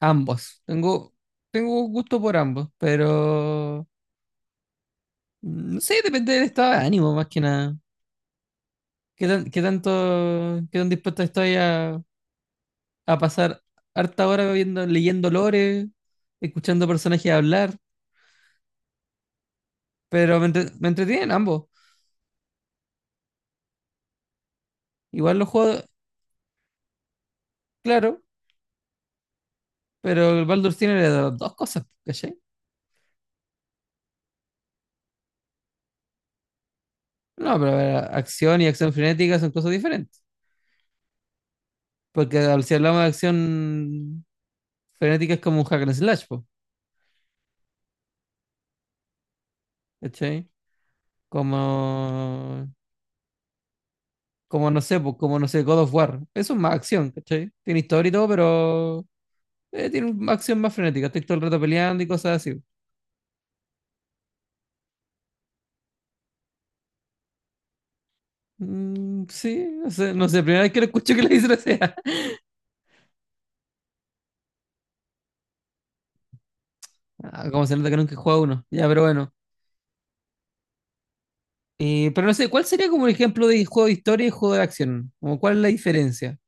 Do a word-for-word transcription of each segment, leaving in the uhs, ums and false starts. Ambos. Tengo, tengo gusto por ambos, pero no sé, depende del estado de ánimo más que nada. ¿Qué tan, qué tanto, ¿Qué tan dispuesto estoy a, a pasar harta hora viendo, leyendo lore, escuchando personajes hablar? Pero me, entre- me entretienen ambos. Igual los juegos, claro, pero el Baldur's tiene las dos cosas, ¿cachai? No, pero a ver, acción y acción frenética son cosas diferentes. Porque al- si hablamos de acción frenética es como un hack and slash, po, ¿cachai? Como, como no sé, po, como no sé, God of War. Eso es más acción, ¿cachai? Tiene historia y todo, pero eh, tiene una acción más frenética. Estoy todo el rato peleando y cosas así. Mm, sí, no sé, no sé, primera vez que lo escucho que le dicen así. Ah, como se nota que nunca he jugado uno. Ya, pero bueno. Eh, pero no sé, ¿cuál sería como un ejemplo de juego de historia y juego de acción? Como, ¿cuál es la diferencia?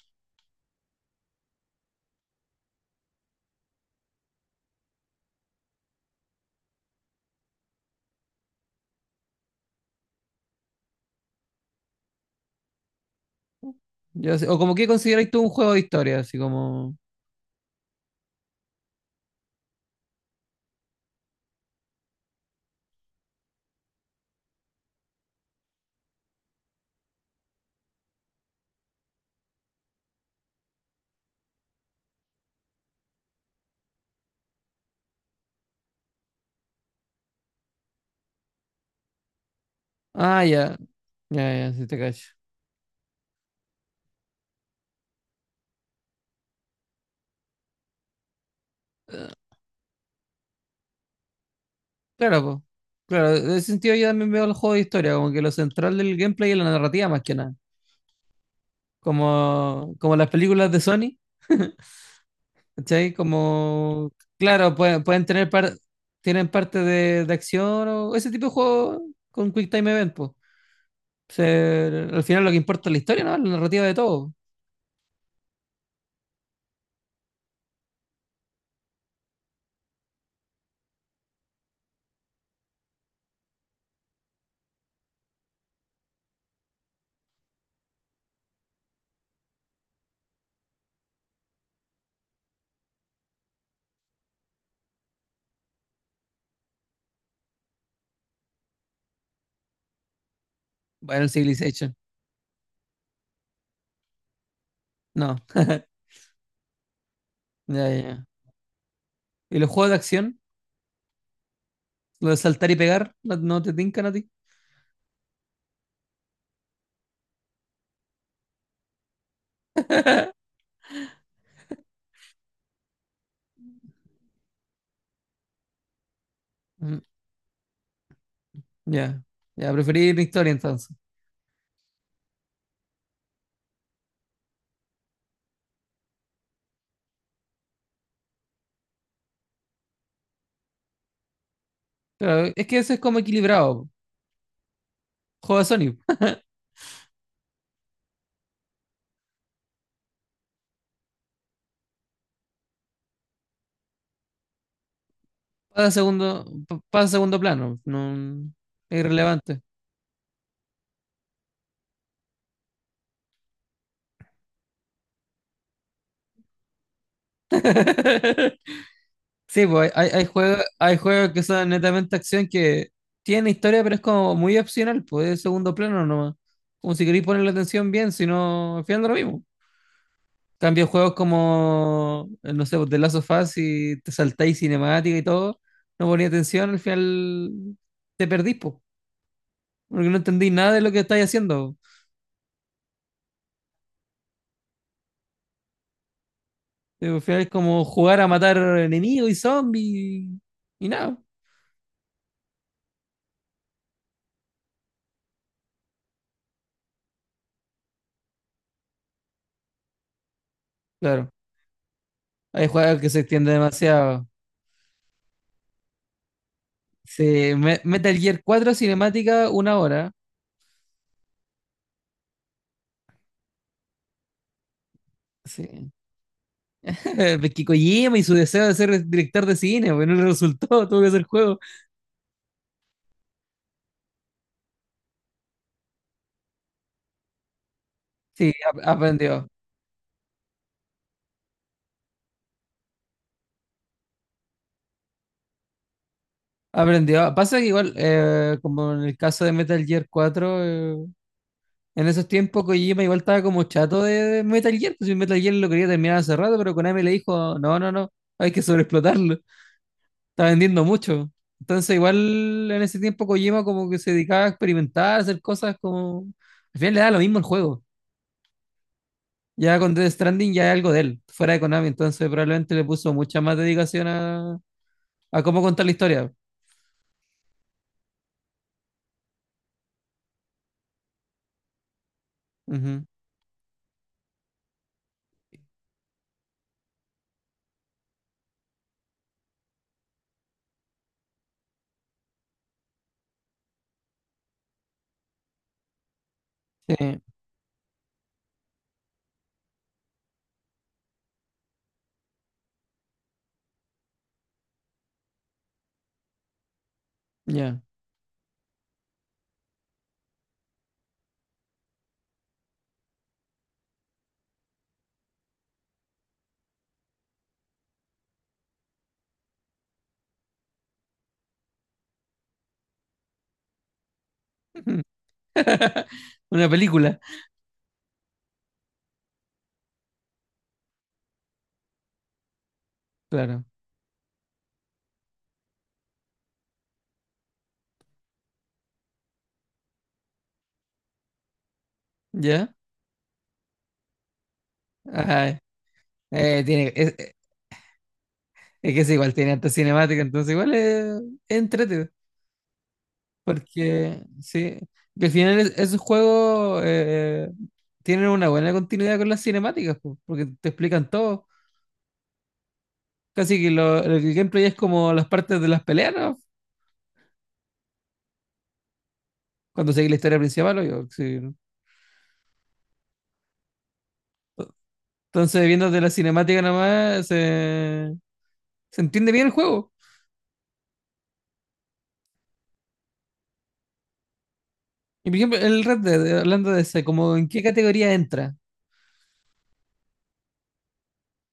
Yo sé- o como qué consideráis tú un juego de historia, así como... Ah, ya, ya, ya, sí te cacho. Claro, pues. Claro, en ese sentido yo también veo el juego de historia, como que lo central del gameplay es la narrativa más que nada. Como, como las películas de Sony, ¿cachai? Como, claro, pueden, pueden tener par- tienen parte de, de acción o ese tipo de juego con Quick Time Event, pues. Se- al final lo que importa es la historia, ¿no? La narrativa de todo. Bueno, el Civilization. No. Ya, ya, ya. ¿Y los juegos de acción? ¿Lo de saltar y pegar? ¿No, no te tincan a ti? Mm, ya. Ya, preferir la historia entonces. Claro, es que eso es como equilibrado. Juego de Sonic. Pasa a segundo, pa- pasa a segundo plano. No, es irrelevante. Sí, pues hay, hay, hay juegos, hay juegos que son netamente acción que tienen historia, pero es como muy opcional, pues es segundo plano nomás. Como si queréis ponerle atención bien, si no, al final da lo mismo. Cambio juegos como, no sé, pues, The Last of Us, y te saltáis cinemática y todo, no ponía atención, al final te perdís, po, porque no entendí nada de lo que estáis haciendo. Eh, Al final es como jugar a matar enemigos y zombies y nada, claro. Hay juegos que se extienden demasiado. Sí, Me- Metal Gear cuatro cinemática, una hora. Sí. Porque Kojima y su deseo de ser director de cine, pues no le resultó, tuvo que hacer juego. Sí, ap- aprendió. Aprendió. Pasa que igual, eh, como en el caso de Metal Gear cuatro, eh, en esos tiempos Kojima igual estaba como chato de, de Metal Gear, pues si Metal Gear lo quería terminar hace rato, pero Konami le dijo, no, no, no, hay que sobreexplotarlo, está vendiendo mucho. Entonces igual en ese tiempo Kojima como que se dedicaba a experimentar, a hacer cosas como... al final le da lo mismo el juego. Ya con Death Stranding ya es algo de él, fuera de Konami, entonces probablemente le puso mucha más dedicación a, a cómo contar la historia. Ujú. Sí, ya. Una película, claro. ¿Ya? Ajá. Eh, tiene, es, eh, es que es igual, tiene harta cinemática, entonces igual es, es entretenido. Porque sí, que al final es- esos juegos, eh, tienen una buena continuidad con las cinemáticas, po, porque te explican todo. Casi que lo, el gameplay es como las partes de las peleas, ¿no? Cuando seguís la historia principal, obvio, sí, ¿no? Entonces, viendo de la cinemática nomás, se, se entiende bien el juego. Y por ejemplo, el Red Dead, hablando de ese, como en qué categoría entra.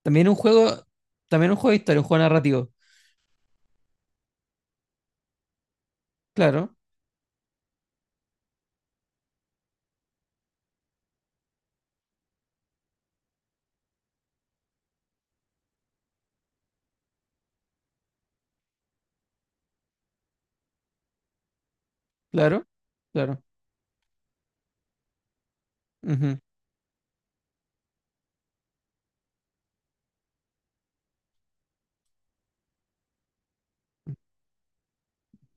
También un juego, también un juego de historia, un juego narrativo. Claro, claro, claro. Ujú.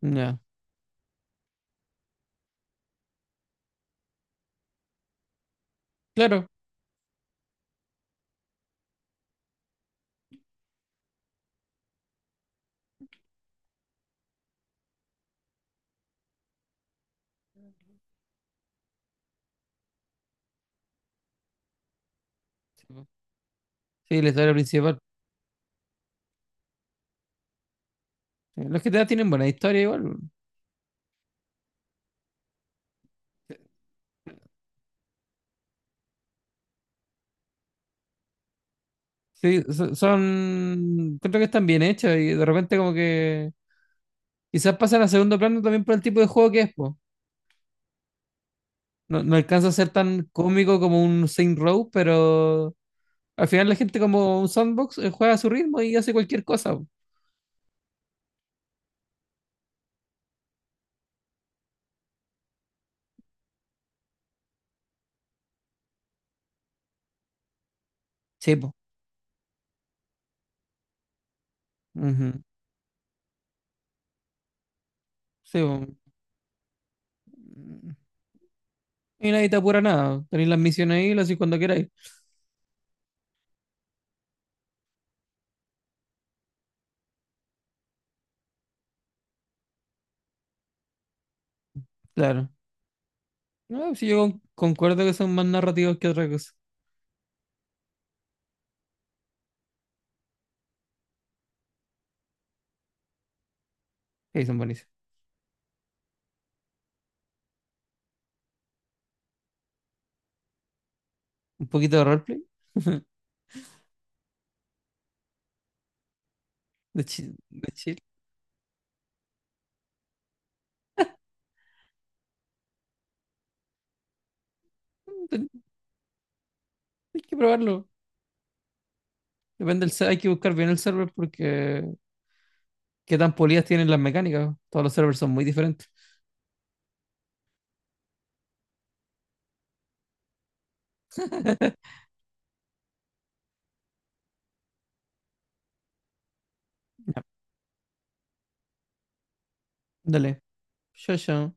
Ya. Claro. Sí, la historia principal. Los G T A tienen buena historia igual. Sí, so- son, creo que están bien hechos y de repente como que quizás pasan a segundo plano también por el tipo de juego que es, po. No, no alcanza a ser tan cómico como un Saint Row, pero al final la gente como un sandbox, eh, juega a su ritmo y hace cualquier cosa, po. Sí, po. Ujú. Sí, po. Y nadie te apura nada. Tenéis las misiones ahí, las hacéis cuando queráis. Claro. No, sí, yo con- concuerdo que son más narrativos que otra cosa. Ahí son buenísimos. Un poquito de roleplay, de chill, de chill. Mm, ten- hay que probarlo. Depende del ser- hay que buscar bien el server porque qué tan polidas tienen las mecánicas. Todos los servers son muy diferentes. Dale. Chao, chao.